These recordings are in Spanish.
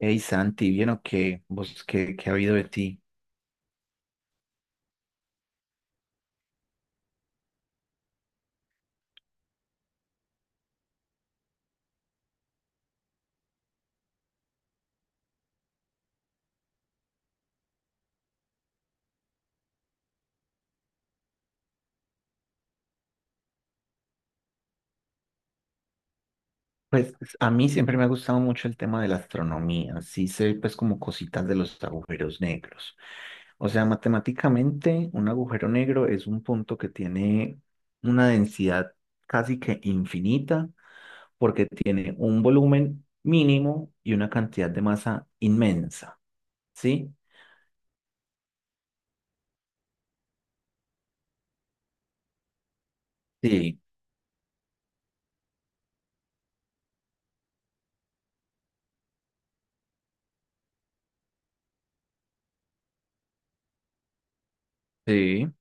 Hey Santi, ¿bien o qué? ¿Vos qué, ha habido de ti? Pues, a mí siempre me ha gustado mucho el tema de la astronomía, sí sé pues como cositas de los agujeros negros. O sea, matemáticamente un agujero negro es un punto que tiene una densidad casi que infinita porque tiene un volumen mínimo y una cantidad de masa inmensa, ¿sí? Sí, sí,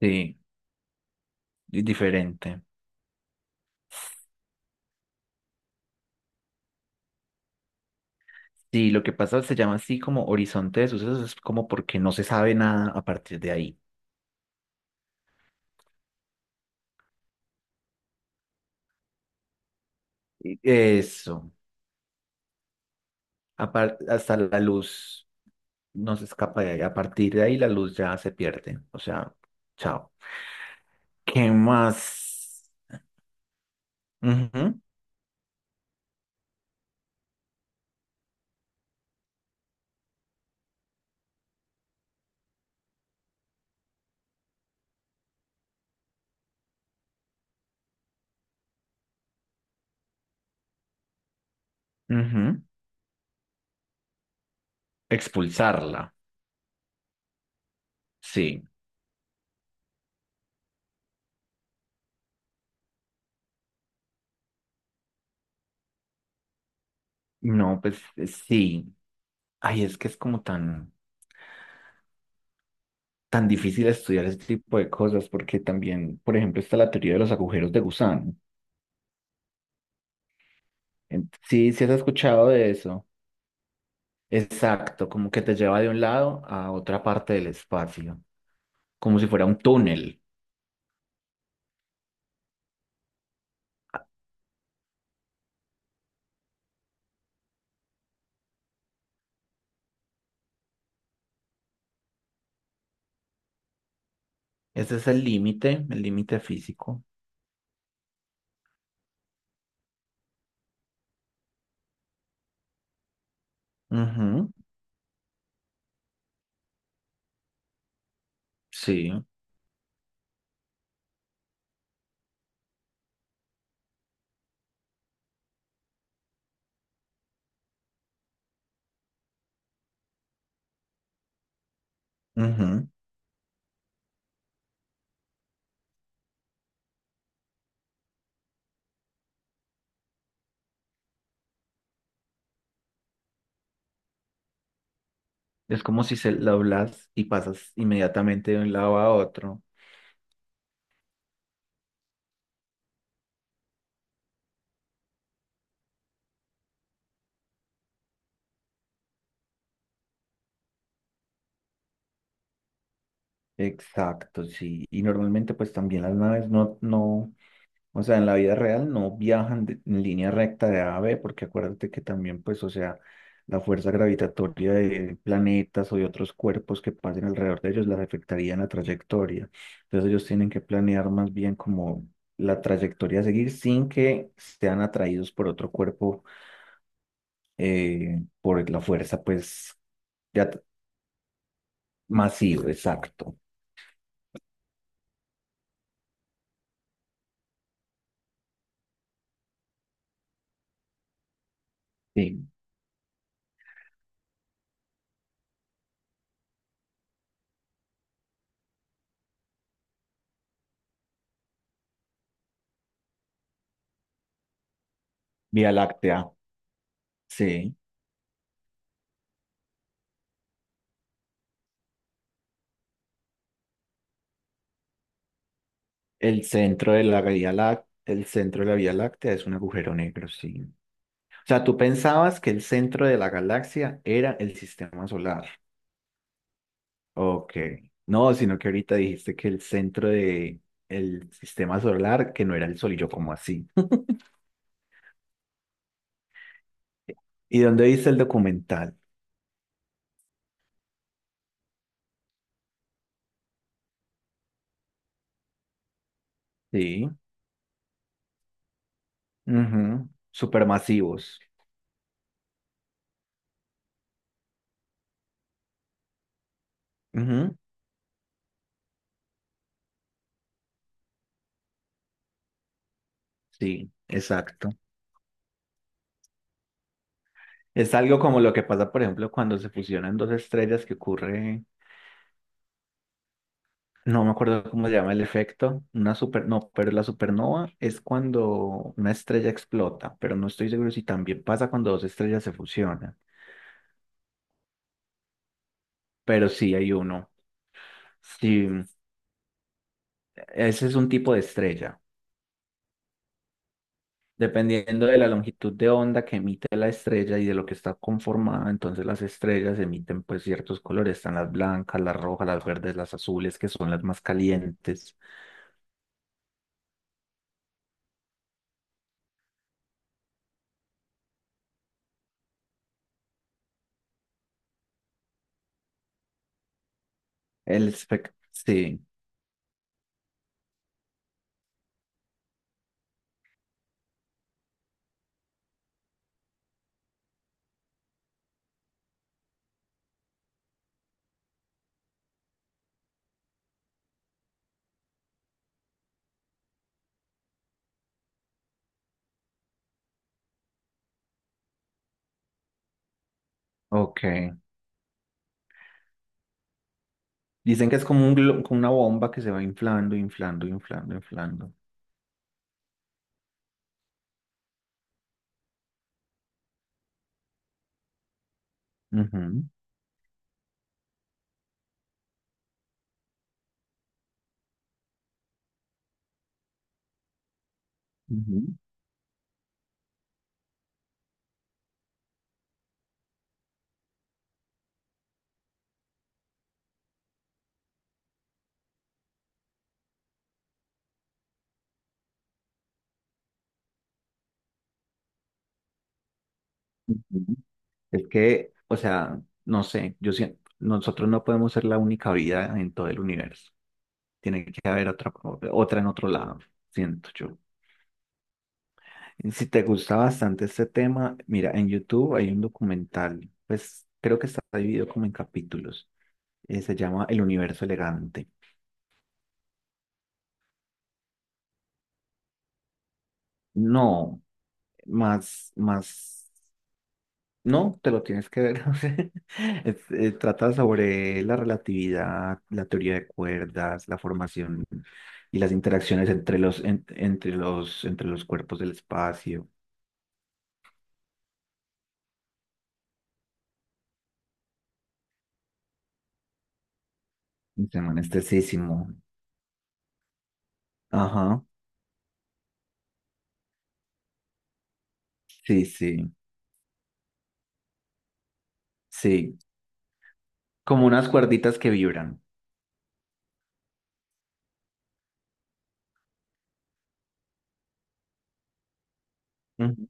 sí, y diferente. Sí, lo que pasa se llama así como horizonte de sucesos, es como porque no se sabe nada a partir de ahí. Y eso, hasta la luz no se escapa de ahí. A partir de ahí la luz ya se pierde. O sea, chao. ¿Qué más? Ujú, ujú. Expulsarla. Sí. No, pues sí. Ay, es que es como tan difícil estudiar este tipo de cosas porque también, por ejemplo, está la teoría de los agujeros de gusano. Sí, sí has escuchado de eso. Exacto, como que te lleva de un lado a otra parte del espacio, como si fuera un túnel. Ese es el límite físico. Ujú, sí, ujú. Es como si se doblas y pasas inmediatamente de un lado a otro. Exacto, sí. Y normalmente pues también las naves no, no, o sea, en la vida real no viajan en línea recta de A a B, porque acuérdate que también, pues, o sea, la fuerza gravitatoria de planetas o de otros cuerpos que pasen alrededor de ellos las afectaría en la trayectoria. Entonces ellos tienen que planear más bien como la trayectoria a seguir sin que sean atraídos por otro cuerpo por la fuerza, pues, ya t- masiva, exacto. Sí, Vía Láctea, sí. El centro de la Vía Láctea, el centro de la Vía Láctea es un agujero negro, sí. O sea, tú pensabas que el centro de la galaxia era el sistema solar. Ok. No, sino que ahorita dijiste que el centro de el sistema solar, que no era el Sol, y yo como así. ¿Y dónde dice el documental? Sí. Ujú. Supermasivos. Ujú. Sí, exacto. Es algo como lo que pasa, por ejemplo, cuando se fusionan dos estrellas que ocurre. No me acuerdo cómo se llama el efecto. Una super, no, pero la supernova es cuando una estrella explota, pero no estoy seguro si también pasa cuando dos estrellas se fusionan. Pero sí hay uno. Sí, ese es un tipo de estrella. Dependiendo de la longitud de onda que emite la estrella y de lo que está conformada, entonces las estrellas emiten pues ciertos colores. Están las blancas, las rojas, las verdes, las azules, que son las más calientes. El espectro. Sí, ok. Dicen que es como, como una bomba que se va inflando, inflando, inflando, inflando. Ujú, ujú, ujú. Es que, o sea, no sé, yo siento, nosotros no podemos ser la única vida en todo el universo. Tiene que haber otra, otra en otro lado, siento yo. Y si te gusta bastante este tema, mira, en YouTube hay un documental, pues creo que está dividido como en capítulos. Se llama El Universo Elegante. No, más, más. No, te lo tienes que ver. O sea, trata sobre la relatividad, la teoría de cuerdas, la formación y las interacciones entre entre entre los cuerpos del espacio. Y se llama anestesísimo. Ajá, sí, sí, sí. Como unas cuerditas que vibran. Ujú,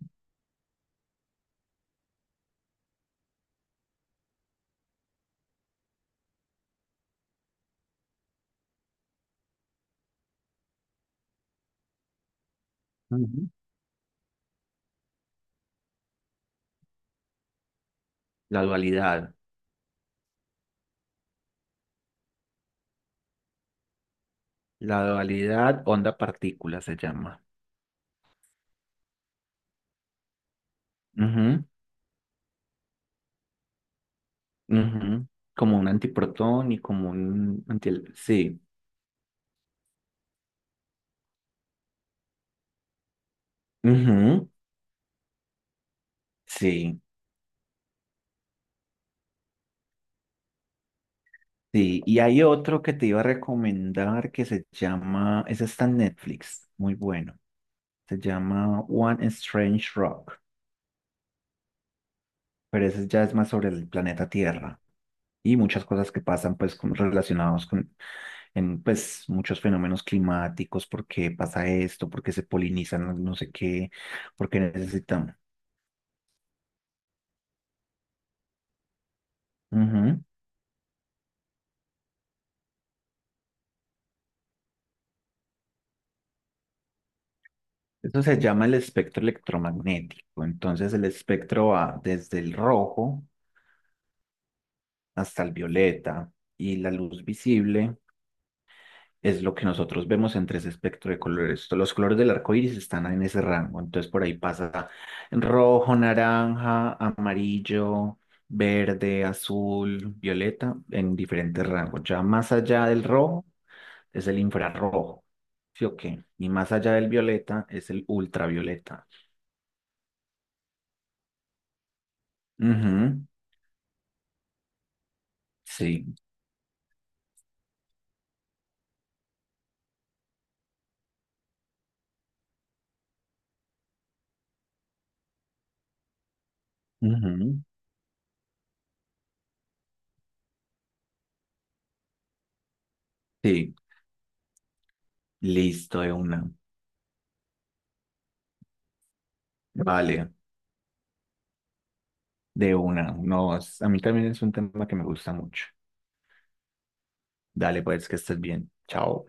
ujú. La dualidad. La dualidad onda-partícula se llama. Ujú, ujú. Como un antiprotón y como un anti... Sí. Ujú, sí. Sí, y hay otro que te iba a recomendar que se llama, ese está en Netflix, muy bueno. Se llama One Strange Rock, pero ese ya es más sobre el planeta Tierra y muchas cosas que pasan pues relacionados con en pues muchos fenómenos climáticos, por qué pasa esto, por qué se polinizan no sé qué, por qué necesitamos. Ujú. Eso se llama el espectro electromagnético. Entonces el espectro va desde el rojo hasta el violeta y la luz visible es lo que nosotros vemos entre ese espectro de colores. Los colores del arco iris están en ese rango, entonces por ahí pasa rojo, naranja, amarillo, verde, azul, violeta, en diferentes rangos. Ya más allá del rojo es el infrarrojo, ¿sí o qué? Y más allá del violeta es el ultravioleta. Ujú, sí, ujú, sí, listo de una. Vale. De una, no, a mí también es un tema que me gusta mucho. Dale, pues, que estés bien. Chao.